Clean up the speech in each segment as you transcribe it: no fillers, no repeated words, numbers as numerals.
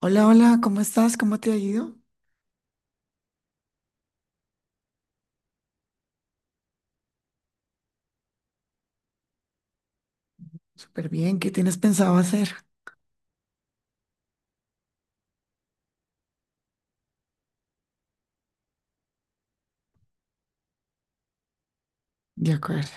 Hola, hola, ¿cómo estás? ¿Cómo te ha ido? Súper bien, ¿qué tienes pensado hacer? De acuerdo.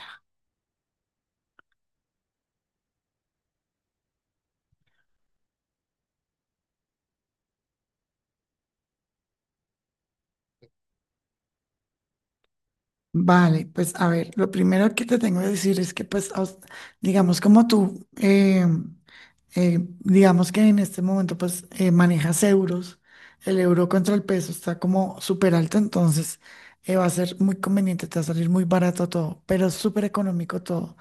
Vale, pues a ver, lo primero que te tengo que decir es que pues, digamos como tú, digamos que en este momento pues manejas euros, el euro contra el peso está como súper alto, entonces va a ser muy conveniente, te va a salir muy barato todo, pero es súper económico todo.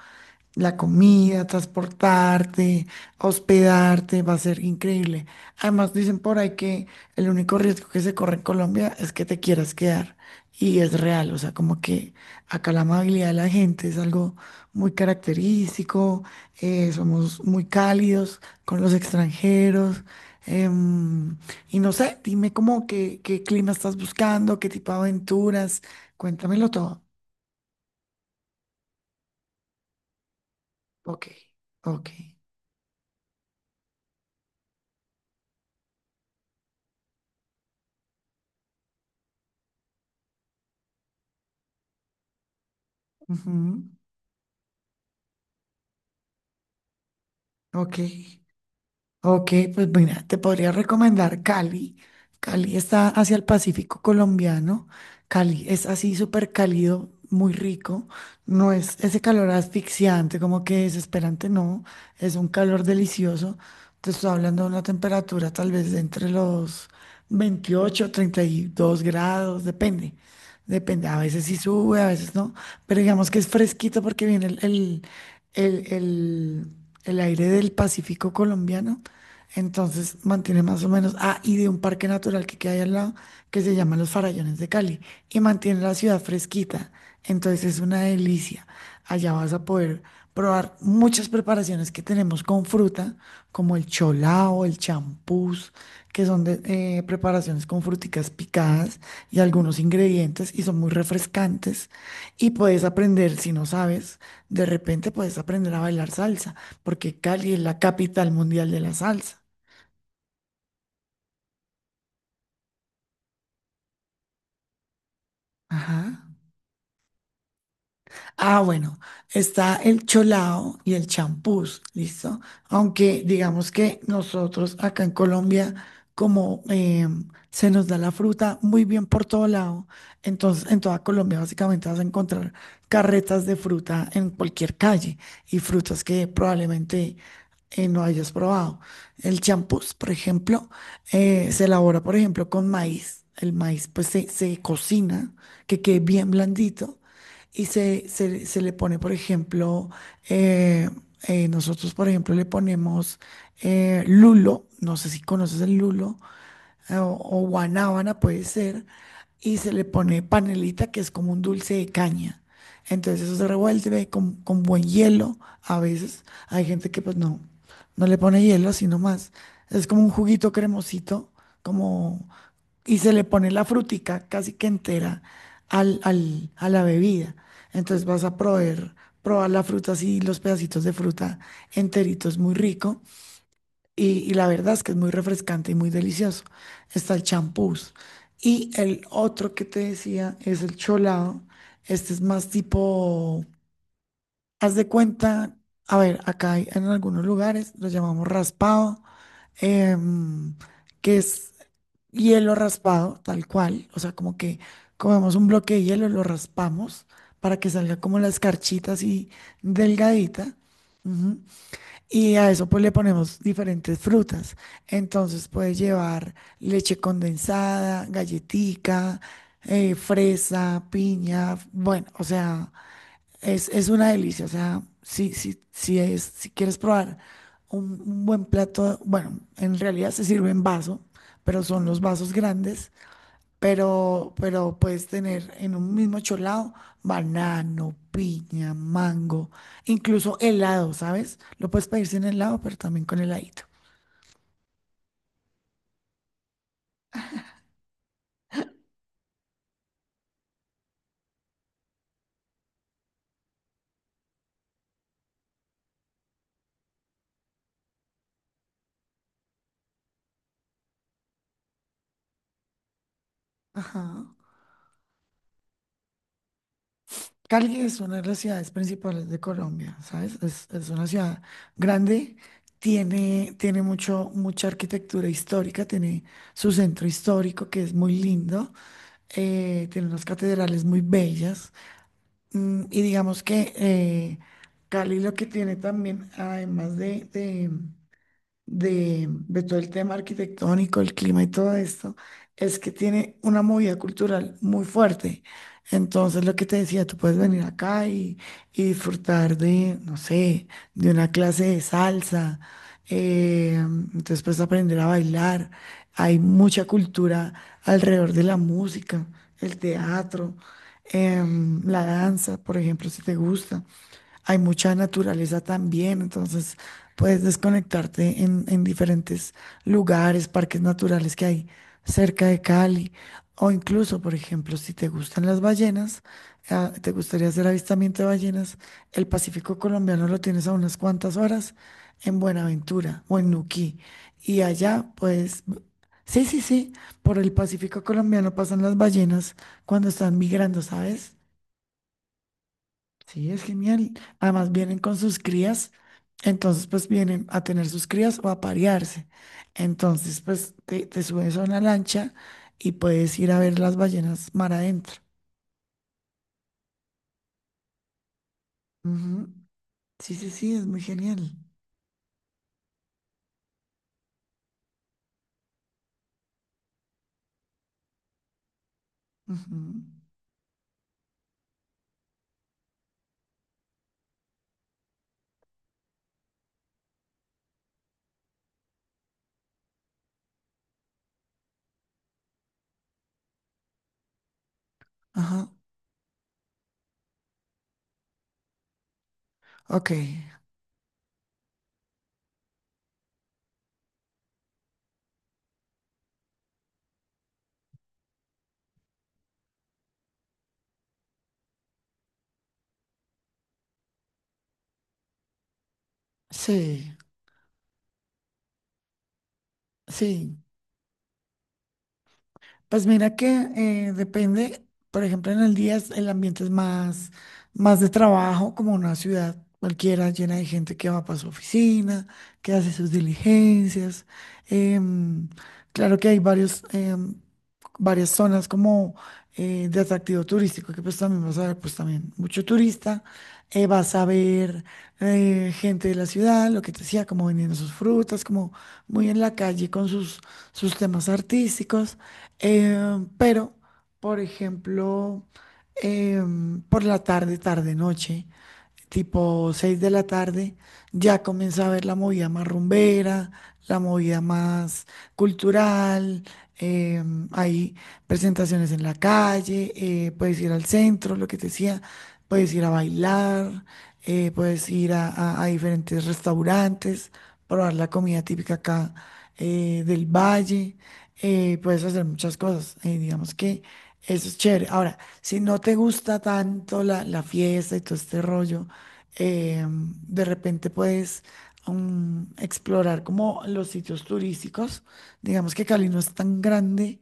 La comida, transportarte, hospedarte, va a ser increíble. Además, dicen por ahí que el único riesgo que se corre en Colombia es que te quieras quedar. Y es real, o sea, como que acá la amabilidad de la gente es algo muy característico, somos muy cálidos con los extranjeros. em, y no sé, dime qué clima estás buscando, qué tipo de aventuras, cuéntamelo todo. Ok, ok. Ujú. Ok, ok, pues mira, te podría recomendar Cali. Cali está hacia el Pacífico colombiano. Cali es así súper cálido, muy rico. No es ese calor asfixiante, como que desesperante, no. Es un calor delicioso. Te estoy hablando de una temperatura tal vez de entre los 28-32 grados, depende. Depende, a veces sí sube, a veces no. Pero digamos que es fresquito porque viene el el- el aire del Pacífico colombiano. Entonces mantiene más o menos, ah, y de un parque natural que queda ahí al lado, que se llama Los Farallones de Cali, y mantiene la ciudad fresquita. Entonces es una delicia. Allá vas a poder probar muchas preparaciones que tenemos con fruta, como el cholao, el champús, que son de, preparaciones con fruticas picadas y algunos ingredientes, y son muy refrescantes. Y puedes aprender, si no sabes, de repente puedes aprender a bailar salsa porque Cali es la capital mundial de la salsa. Ajá. Ah, bueno, está el cholao y el champús, ¿listo? Aunque digamos que nosotros acá en Colombia, como se nos da la fruta muy bien por todo lado, entonces en toda Colombia básicamente vas a encontrar carretas de fruta en cualquier calle y frutas que probablemente no hayas probado. El champús, por ejemplo, se elabora, por ejemplo, con maíz. El maíz pues se cocina, que quede bien blandito y se le pone, por ejemplo, eh, nosotros, por ejemplo, le ponemos lulo, no sé si conoces el lulo, o guanábana puede ser, y se le pone panelita, que es como un dulce de caña. Entonces eso se revuelve con buen hielo. A veces hay gente que pues no, no le pone hielo, sino más. Es como un juguito cremosito, y se le pone la frutica casi que entera a la bebida. Entonces vas a proveer, probar la fruta así, los pedacitos de fruta enteritos, muy rico. Y la verdad es que es muy refrescante y muy delicioso. Está el champús. Y el otro que te decía es el cholado. Este es más tipo, haz de cuenta, a ver, en algunos lugares lo llamamos raspado, em, que es hielo raspado, tal cual, o sea, como que comemos un bloque de hielo, lo raspamos para que salga como la escarchita así delgadita. Ujú. Y a eso pues le ponemos diferentes frutas. Entonces puede llevar leche condensada, galletica, fresa, piña, bueno, o sea, es una delicia, o sea, si quieres probar un buen plato, bueno, en realidad se sirve en vaso, pero son los vasos grandes, pero puedes tener en un mismo cholado banano, piña, mango, incluso helado, ¿sabes? Lo puedes pedir sin helado, pero también con heladito. Ajá. Cali es una de las ciudades principales de Colombia, ¿sabes? Es una ciudad grande, tiene mucho, mucha arquitectura histórica, tiene su centro histórico que es muy lindo, tiene unas catedrales muy bellas, mm, y digamos que Cali lo que tiene también, además de, de todo el tema arquitectónico, el clima y todo esto, es que tiene una movida cultural muy fuerte. Entonces, lo que te decía, tú puedes venir acá y disfrutar de, no sé, de una clase de salsa, entonces puedes aprender a bailar. Hay mucha cultura alrededor de la música, el teatro, la danza, por ejemplo, si te gusta. Hay mucha naturaleza también, entonces puedes desconectarte en diferentes lugares, parques naturales que hay cerca de Cali, o incluso, por ejemplo, si te gustan las ballenas, ah, te gustaría hacer avistamiento de ballenas, el Pacífico colombiano lo tienes a unas cuantas horas en Buenaventura o en Nuquí, y allá, pues, sí, sí, sí, por el Pacífico colombiano pasan las ballenas cuando están migrando, ¿sabes? Sí, es genial. Además vienen con sus crías, entonces pues vienen a tener sus crías o a parearse. Entonces pues te subes a una lancha y puedes ir a ver las ballenas mar adentro. Ujú. Sí, sí, sí, es muy genial. Ujú. Ajá, ok. Sí, sí. Pues mira que depende, por ejemplo, en el día es- el ambiente es más, más de trabajo, como una ciudad cualquiera llena de gente que va para su oficina, que hace sus diligencias. Em, claro que hay varios, varias zonas como de atractivo turístico, que pues también vas a ver, pues también mucho turista, vas a ver gente de la ciudad, lo que te decía, como vendiendo sus frutas, como muy en la calle con sus, sus temas artísticos. Pero, por ejemplo, por la tarde, tarde, noche, tipo 6 de la tarde, ya comienza a ver la movida más rumbera, la movida más cultural, eh, hay presentaciones en la calle, puedes ir al centro, lo que te decía, puedes ir a bailar, puedes ir a, a diferentes restaurantes, probar la comida típica acá, del valle, puedes hacer muchas cosas, digamos que... Eso es chévere. Ahora, si no te gusta tanto la fiesta y todo este rollo, de repente puedes, mm, explorar como los sitios turísticos. Digamos que Cali no es tan grande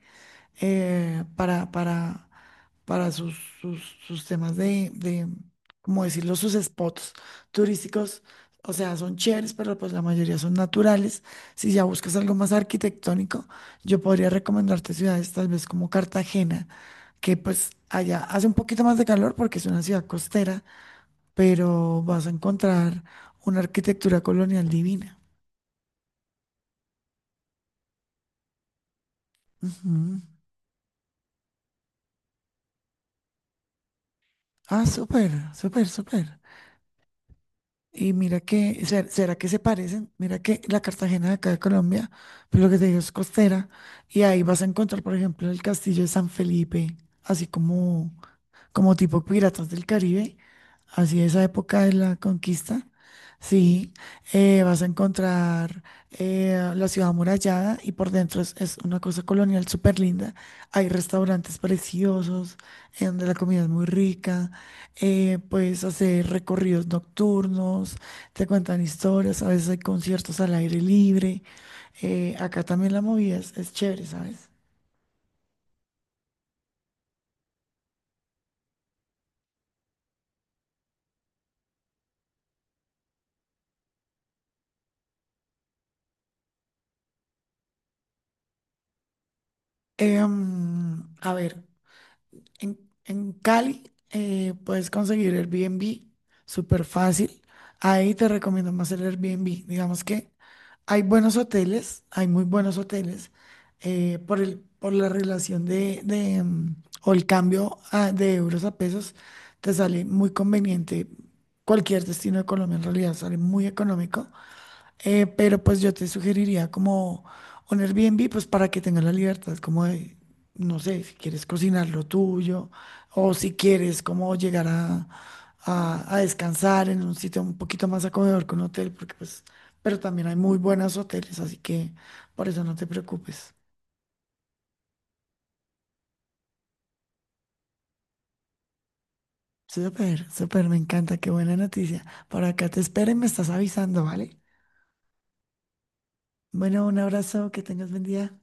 eh, para, para, para sus, sus, sus temas de, ¿cómo decirlo? Sus spots turísticos. O sea, son chéveres, pero pues la mayoría son naturales. Si ya buscas algo más arquitectónico, yo podría recomendarte ciudades tal vez como Cartagena, que pues allá hace un poquito más de calor porque es una ciudad costera, pero vas a encontrar una arquitectura colonial divina. Ujú. Ah, súper, súper, súper. Y mira que, ¿será que se parecen? Mira que la Cartagena de acá de Colombia, pues lo que te digo es costera, y ahí vas a encontrar, por ejemplo, el castillo de San Felipe, así como como tipo Piratas del Caribe, así esa época de la conquista. Sí, vas a encontrar la ciudad amurallada y por dentro es una cosa colonial súper linda. Hay restaurantes preciosos en donde la comida es muy rica. Puedes hacer recorridos nocturnos, te cuentan historias, a veces hay conciertos al aire libre. Acá también la movida es chévere, ¿sabes? Em, a ver. En, en Cali, puedes conseguir Airbnb súper fácil. Ahí te recomiendo más el Airbnb. Digamos que hay buenos hoteles, hay muy buenos hoteles, por el, por la relación de, mm, o el cambio, ah, de euros a pesos. Te sale muy conveniente. Cualquier destino de Colombia en realidad sale muy económico. Pero pues yo te sugeriría como un Airbnb, pues para que tengas la libertad, como de, no sé, si quieres cocinar lo tuyo o si quieres como llegar a, a descansar en un sitio un poquito más acogedor que un hotel, porque pues, pero también hay muy buenos hoteles, así que por eso no te preocupes. Súper, súper, me encanta, qué buena noticia. Por acá te espero y me estás avisando, ¿vale? Bueno, un abrazo, que tengas buen día.